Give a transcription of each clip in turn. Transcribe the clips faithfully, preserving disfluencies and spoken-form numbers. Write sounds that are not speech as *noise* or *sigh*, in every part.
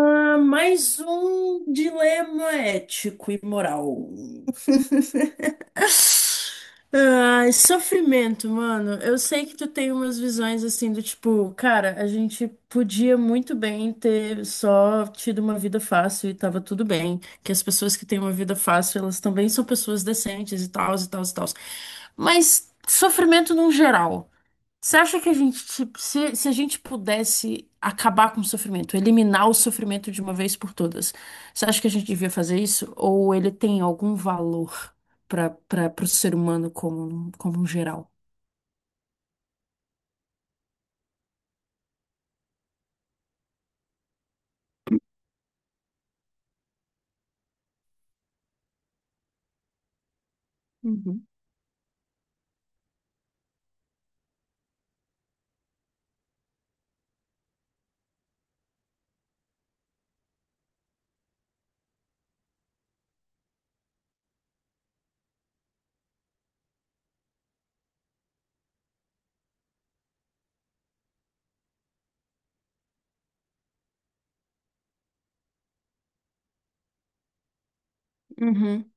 Ah, mais um dilema ético e moral. Ai, sofrimento, mano. Eu sei que tu tem umas visões assim do tipo, cara, a gente podia muito bem ter só tido uma vida fácil e tava tudo bem. Que as pessoas que têm uma vida fácil, elas também são pessoas decentes e tal, e tal, e tal. Mas sofrimento num geral. Você acha que a gente, tipo, se, se a gente pudesse acabar com o sofrimento, eliminar o sofrimento de uma vez por todas, você acha que a gente devia fazer isso? Ou ele tem algum valor para para o ser humano como, como um geral? Uhum, uhum,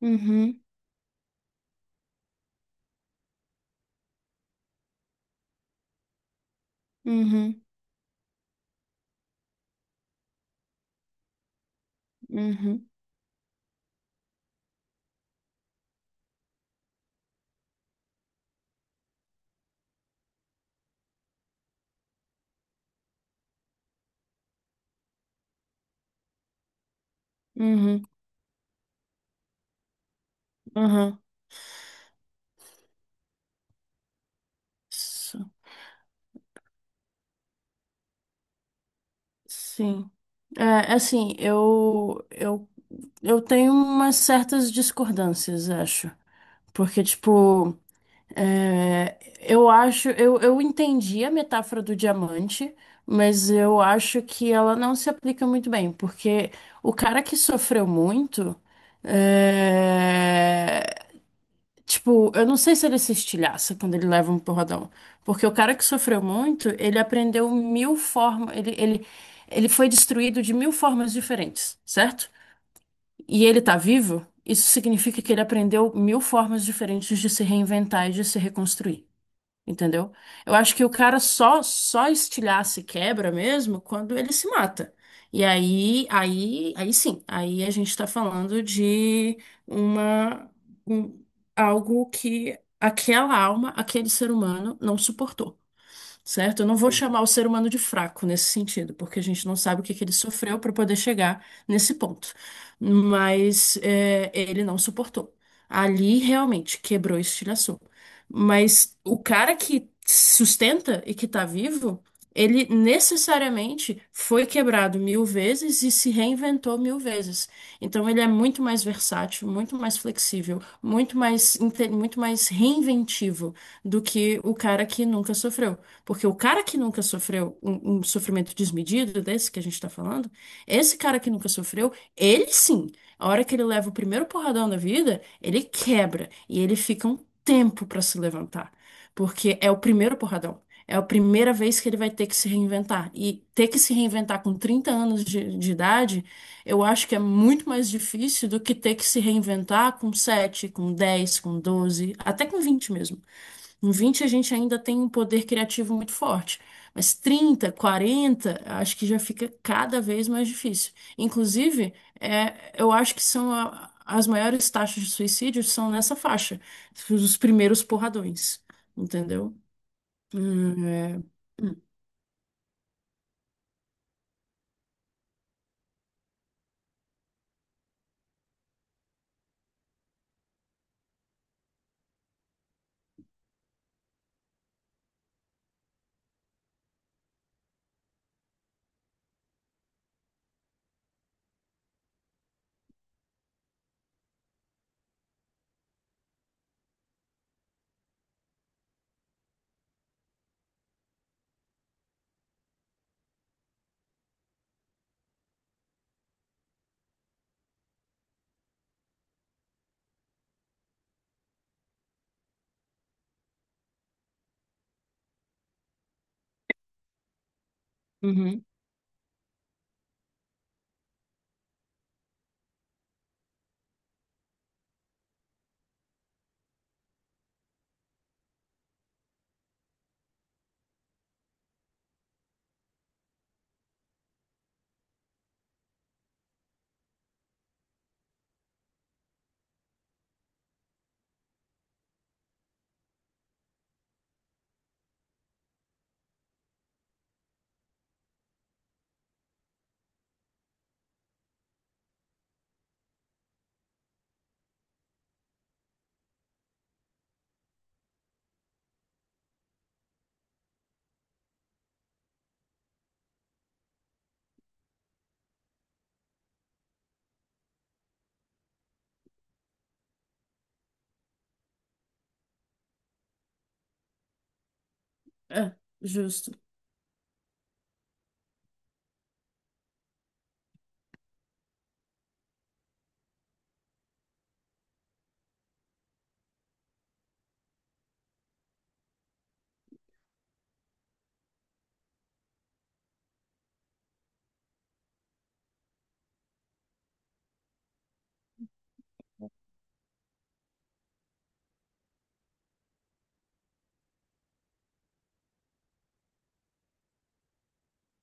uhum, uhum, uhum, uhum, uhum. S- Sim. É, é assim, eu, eu, eu tenho umas certas discordâncias, acho. Porque, tipo. É, eu acho, eu, eu entendi a metáfora do diamante, mas eu acho que ela não se aplica muito bem, porque o cara que sofreu muito, é, tipo, eu não sei se ele se estilhaça quando ele leva um porradão, porque o cara que sofreu muito, ele aprendeu mil formas, ele, ele, ele foi destruído de mil formas diferentes, certo? E ele tá vivo, isso significa que ele aprendeu mil formas diferentes de se reinventar e de se reconstruir. Entendeu? Eu acho que o cara só só estilhaça e quebra mesmo quando ele se mata. E aí, aí, aí sim, aí a gente tá falando de uma um- algo que aquela alma, aquele ser humano não suportou, certo? Eu não vou chamar o ser humano de fraco nesse sentido, porque a gente não sabe o que que ele sofreu para poder chegar nesse ponto. Mas é, ele não suportou. Ali realmente quebrou e estilhaçou. Mas o cara que sustenta e que tá vivo, ele necessariamente foi quebrado mil vezes e se reinventou mil vezes. Então ele é muito mais versátil, muito mais flexível, muito mais, inte- muito mais reinventivo do que o cara que nunca sofreu. Porque o cara que nunca sofreu um, um sofrimento desmedido desse que a gente está falando, esse cara que nunca sofreu, ele sim, a hora que ele leva o primeiro porradão da vida, ele quebra e ele fica um tempo para se levantar, porque é o primeiro porradão. É a primeira vez que ele vai ter que se reinventar. E ter que se reinventar com trinta anos de, de idade, eu acho que é muito mais difícil do que ter que se reinventar com sete, com dez, com doze, até com vinte mesmo. Com vinte a gente ainda tem um poder criativo muito forte, mas trinta, quarenta, acho que já fica cada vez mais difícil. Inclusive, é, eu acho que são a- as maiores taxas de suicídio são nessa faixa, os primeiros porradões, entendeu? Hum, é. Uhum. É, justo.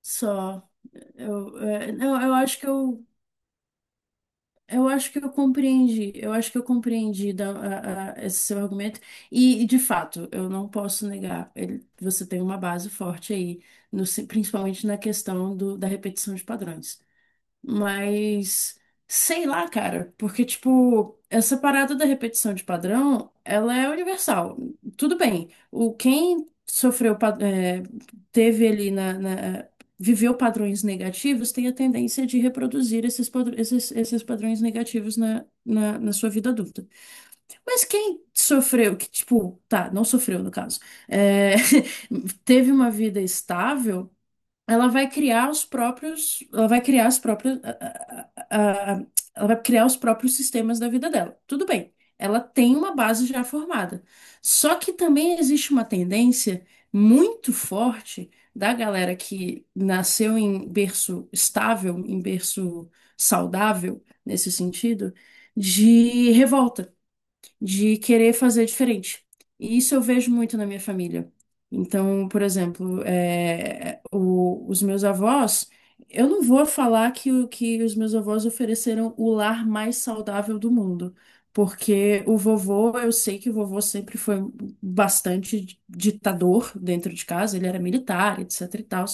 Só, eu, é, não, eu acho que eu. Eu acho que eu compreendi, eu acho que eu compreendi da- a- a- esse seu argumento. E, e, de fato, eu não posso negar, ele- você tem uma base forte aí, no se- principalmente na questão do- da repetição de padrões. Mas sei lá, cara, porque tipo, essa parada da repetição de padrão, ela é universal. Tudo bem. O quem sofreu, pa- é, teve ali na, na- viveu padrões negativos, tem a tendência de reproduzir esses, padr- esses, esses padrões negativos na, na, na sua vida adulta. Mas quem sofreu, que tipo, tá, não sofreu no caso, é, *laughs* teve uma vida estável, ela vai criar os próprios, ela vai criar as próprias, a- a- a- ela vai criar os próprios sistemas da vida dela. Tudo bem, ela tem uma base já formada. Só que também existe uma tendência muito forte da galera que nasceu em berço estável, em berço saudável, nesse sentido, de revolta, de querer fazer diferente. E isso eu vejo muito na minha família. Então, por exemplo, é, o- os meus avós, eu não vou falar que, o- que os meus avós ofereceram o lar mais saudável do mundo, porque o vovô, eu sei que o vovô sempre foi bastante ditador dentro de casa, ele era militar, etc e tal,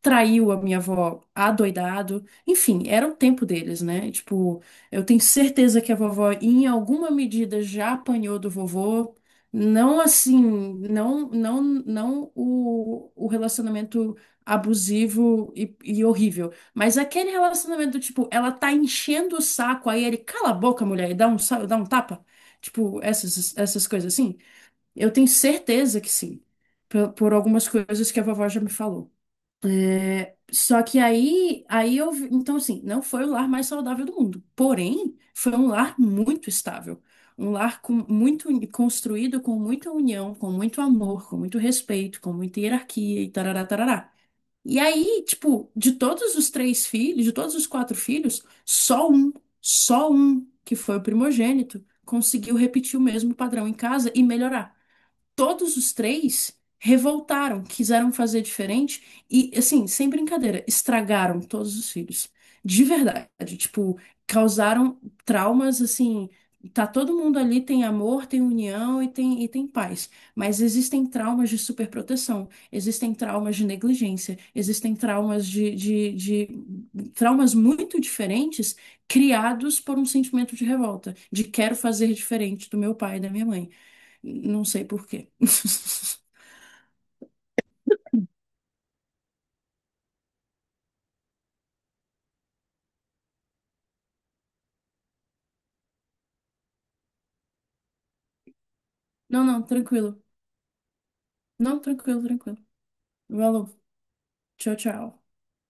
traiu a minha avó adoidado, enfim, era o tempo deles, né? Tipo, eu tenho certeza que a vovó, em alguma medida, já apanhou do vovô. Não assim, não, não, não o, o relacionamento abusivo e, e horrível, mas aquele relacionamento do tipo, ela tá enchendo o saco, aí ele cala a boca, mulher, e dá um, sa- dá um tapa. Tipo, essas, essas coisas assim. Eu tenho certeza que sim, por, por algumas coisas que a vovó já me falou. Só que aí, aí eu, vi- então assim, não foi o lar mais saudável do mundo. Porém, foi um lar muito estável, um lar com muito uni- construído com muita união, com muito amor, com muito respeito, com muita hierarquia e tarará, tarará. E aí, tipo, de todos os três filhos, de todos os quatro filhos, só um, só um, que foi o primogênito, conseguiu repetir o mesmo padrão em casa e melhorar. Todos os três revoltaram, quiseram fazer diferente e, assim, sem brincadeira, estragaram todos os filhos. De verdade, tipo, causaram traumas assim. Tá todo mundo ali, tem amor, tem união e tem, e tem paz. Mas existem traumas de superproteção, existem traumas de negligência, existem traumas de, de, de traumas muito diferentes criados por um sentimento de revolta, de quero fazer diferente do meu pai e da minha mãe. Não sei por quê. *laughs* Não, não, tranquilo. Não, tranquilo, tranquilo. Valeu. Tchau, tchau.